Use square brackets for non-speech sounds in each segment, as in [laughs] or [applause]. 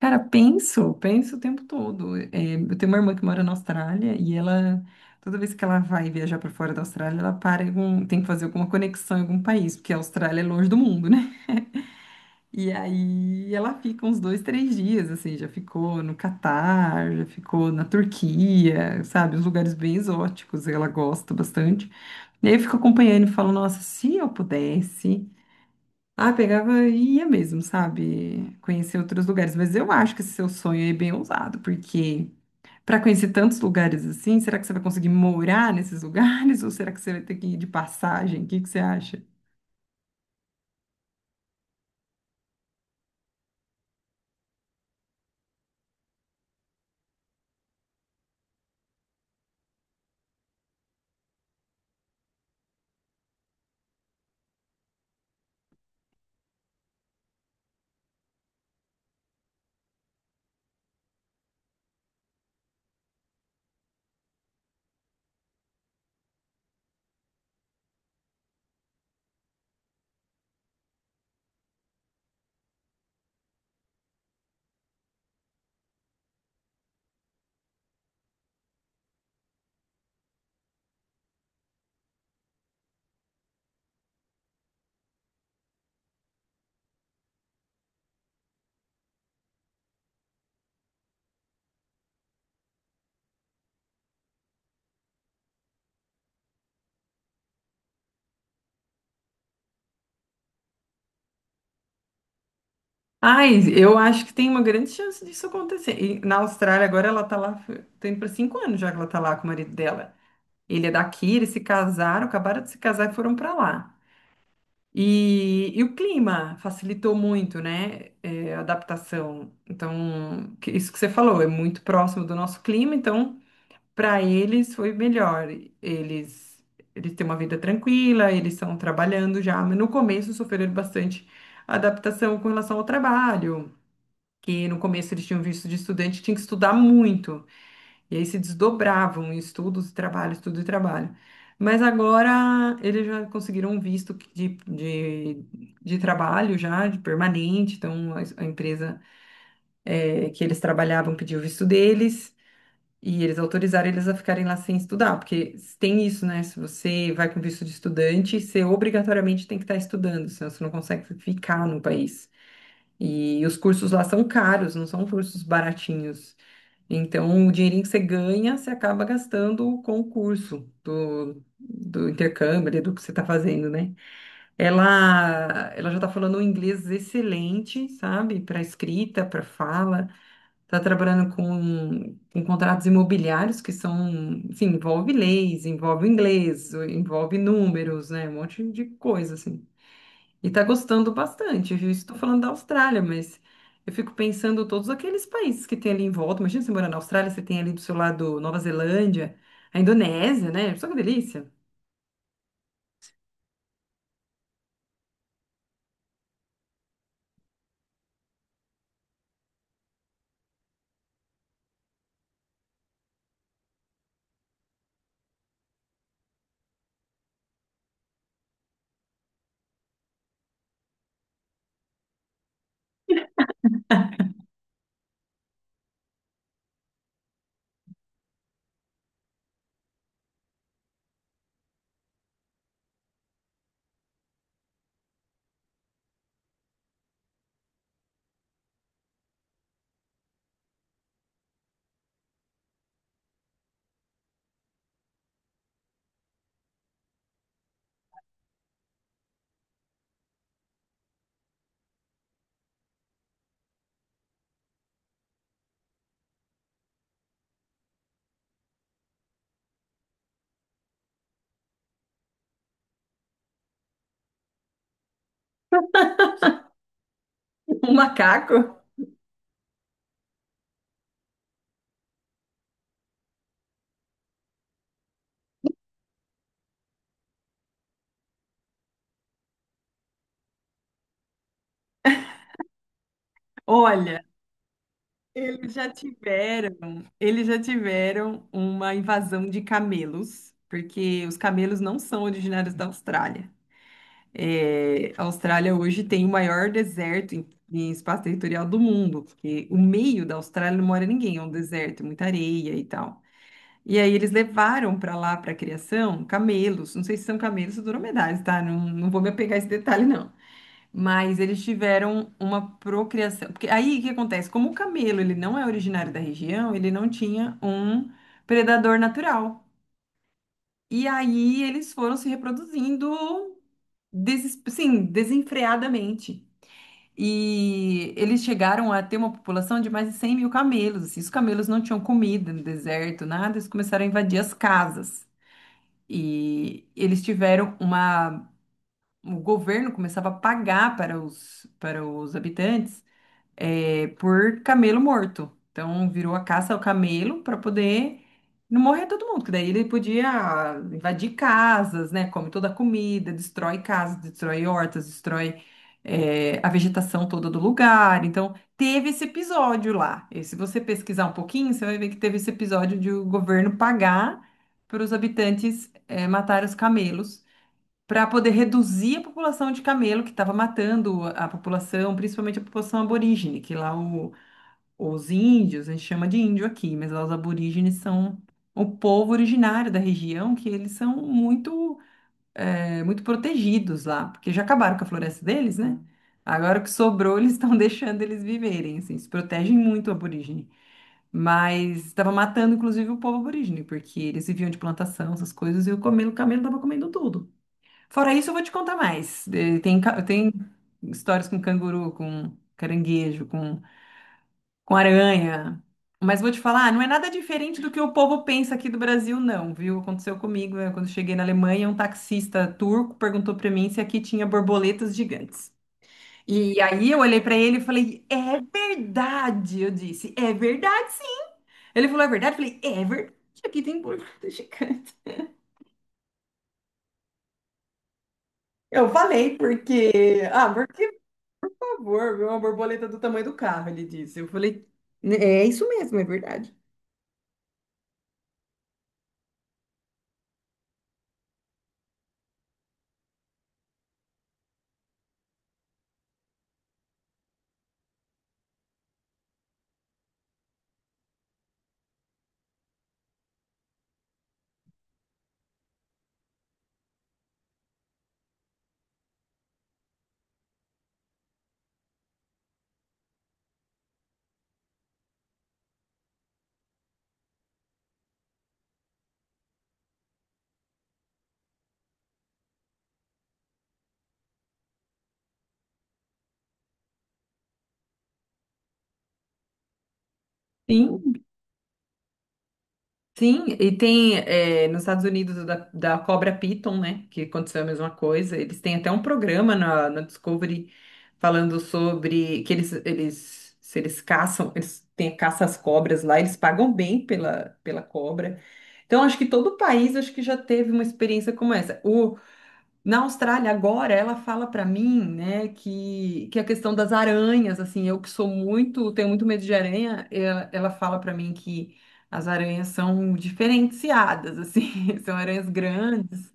Cara, penso, penso o tempo todo. É, eu tenho uma irmã que mora na Austrália e ela, toda vez que ela vai viajar para fora da Austrália, ela para em algum, tem que fazer alguma conexão em algum país, porque a Austrália é longe do mundo, né? E aí ela fica uns dois, três dias, assim, já ficou no Catar, já ficou na Turquia, sabe? Uns lugares bem exóticos, ela gosta bastante. E aí eu fico acompanhando e falo, nossa, se eu pudesse. Ah, pegava e ia mesmo, sabe? Conhecer outros lugares. Mas eu acho que esse seu sonho é bem ousado, porque para conhecer tantos lugares assim, será que você vai conseguir morar nesses lugares? [laughs] Ou será que você vai ter que ir de passagem? O que que você acha? Ai, eu acho que tem uma grande chance disso acontecer. E na Austrália, agora ela tá lá, tá indo para 5 anos já que ela tá lá com o marido dela. Ele é daqui, eles se casaram, acabaram de se casar e foram para lá. E o clima facilitou muito, né, é, a adaptação. Então, que- isso que você falou, é muito próximo do nosso clima, então, para eles foi melhor. Eles, eles têm uma vida tranquila, eles estão trabalhando já, mas no começo sofreram bastante adaptação com relação ao trabalho, que no começo eles tinham visto de estudante, tinha que estudar muito. E aí se desdobravam em estudos, e trabalho, estudo e trabalho. Mas agora eles já conseguiram um visto de trabalho já, de permanente. Então a empresa que eles trabalhavam pediu o visto deles e eles autorizaram eles a ficarem lá sem estudar, porque tem isso, né? Se você vai com visto de estudante, você obrigatoriamente tem que estar estudando, senão você não consegue ficar no país. E os cursos lá são caros, não são cursos baratinhos. Então, o dinheirinho que você ganha, você acaba gastando com o curso do intercâmbio, ali, do que você está fazendo, né? Ela já está falando um inglês excelente, sabe? Para escrita, para fala. Está trabalhando com contratos imobiliários que são, assim, envolve leis, envolve inglês, envolve números, né? Um monte de coisa, assim. E tá gostando bastante, viu? Estou falando da Austrália, mas eu fico pensando todos aqueles países que tem ali em volta. Imagina você morar na Austrália, você tem ali do seu lado Nova Zelândia, a Indonésia, né? Só que delícia. [laughs] Um macaco. Olha, eles já tiveram, eles já tiveram uma invasão de camelos, porque os camelos não são originários da Austrália. É, a Austrália hoje tem o maior deserto em espaço territorial do mundo, porque o meio da Austrália não mora ninguém, é um deserto, é muita areia e tal. E aí eles levaram para lá para criação camelos, não sei se são camelos ou dromedários, tá? Não, não vou me apegar a esse detalhe, não. Mas eles tiveram uma procriação, porque aí o que acontece? Como o camelo ele não é originário da região, ele não tinha um predador natural. E aí eles foram se reproduzindo sim, desenfreadamente. E eles chegaram a ter uma população de mais de 100 mil camelos. Assim. Os camelos não tinham comida no deserto, nada, eles começaram a invadir as casas. E eles tiveram uma. O governo começava a pagar para os habitantes por camelo morto. Então virou a caça ao camelo para poder não morrer todo mundo, que daí ele podia invadir casas, né? Come toda a comida, destrói casas, destrói hortas, destrói a vegetação toda do lugar. Então teve esse episódio lá. E se você pesquisar um pouquinho, você vai ver que teve esse episódio de o governo pagar para os habitantes matar os camelos para poder reduzir a população de camelo que estava matando a população, principalmente a população aborígene, que lá os índios, a gente chama de índio aqui, mas lá os aborígenes são o povo originário da região, que eles são muito, muito protegidos lá, porque já acabaram com a floresta deles, né? Agora o que sobrou, eles estão [laughs] deixando eles viverem, assim, se protegem muito o aborígene. Mas estava matando, inclusive, o povo aborígene, porque eles viviam de plantação, essas coisas, e o camelo estava comendo tudo. Fora isso, eu vou te contar mais. Tem, tem histórias com canguru, com caranguejo, com aranha. Mas vou te falar, não é nada diferente do que o povo pensa aqui do Brasil, não, viu? Aconteceu comigo, quando cheguei na Alemanha, um taxista turco perguntou para mim se aqui tinha borboletas gigantes. E aí eu olhei para ele e falei, é verdade, eu disse, é verdade sim. Ele falou, é verdade? Eu falei, é verdade, aqui tem borboleta gigante. Eu falei porque, ah, favor, viu? Uma borboleta do tamanho do carro, ele disse. Eu falei, é isso mesmo, é verdade. Sim, sim. E tem nos Estados Unidos o da cobra Python, né? Que aconteceu a mesma coisa. Eles têm até um programa na Discovery falando sobre que eles, se eles caçam, eles têm caça às cobras lá, eles pagam bem pela cobra. Então, acho que todo o país acho que já teve uma experiência como essa. O, na Austrália, agora, ela fala para mim, né, que a questão das aranhas, assim, eu que sou muito, tenho muito medo de aranha, ela fala para mim que as aranhas são diferenciadas, assim, [laughs] são aranhas grandes,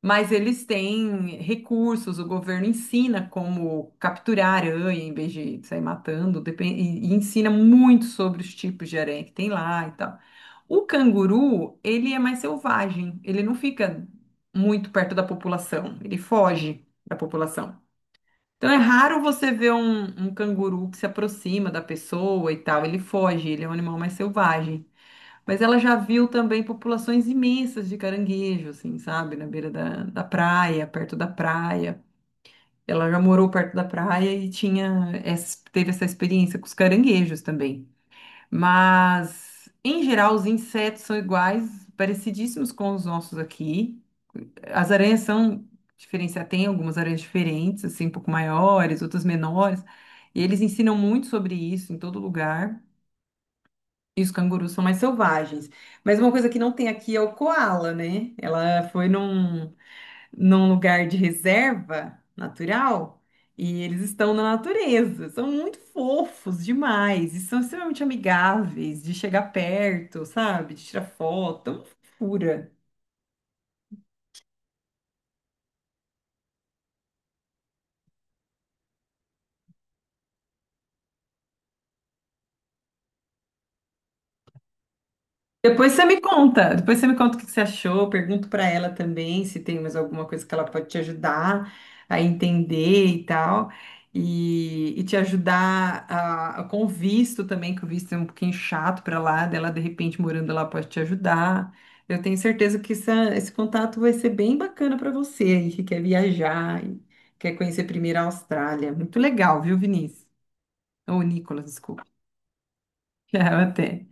mas eles têm recursos, o governo ensina como capturar aranha em vez de sair matando, e ensina muito sobre os tipos de aranha que tem lá e tal. O canguru, ele é mais selvagem, ele não fica muito perto da população, ele foge da população. Então é raro você ver um, um canguru que se aproxima da pessoa e tal, ele foge, ele é um animal mais selvagem. Mas ela já viu também populações imensas de caranguejo, assim, sabe? Na beira da praia, perto da praia. Ela já morou perto da praia e tinha teve essa experiência com os caranguejos também. Mas, em geral, os insetos são iguais, parecidíssimos com os nossos aqui. As aranhas são diferenciadas, tem algumas aranhas diferentes, assim, um pouco maiores, outras menores. E eles ensinam muito sobre isso em todo lugar. E os cangurus são mais selvagens. Mas uma coisa que não tem aqui é o coala, né? Ela foi num, num lugar de reserva natural e eles estão na natureza. São muito fofos demais e são extremamente amigáveis de chegar perto, sabe? De tirar foto. É uma fofura. Depois você me conta, depois você me conta o que que você achou, pergunto para ela também se tem mais alguma coisa que ela pode te ajudar a entender e tal, e te ajudar a, com o visto também, que o visto é um pouquinho chato para lá, dela de repente morando lá pode te ajudar. Eu tenho certeza que esse contato vai ser bem bacana para você aí que quer viajar e quer conhecer primeiro a Austrália. Muito legal, viu, Vinícius? Ou Nicolas, desculpa. [laughs] Até.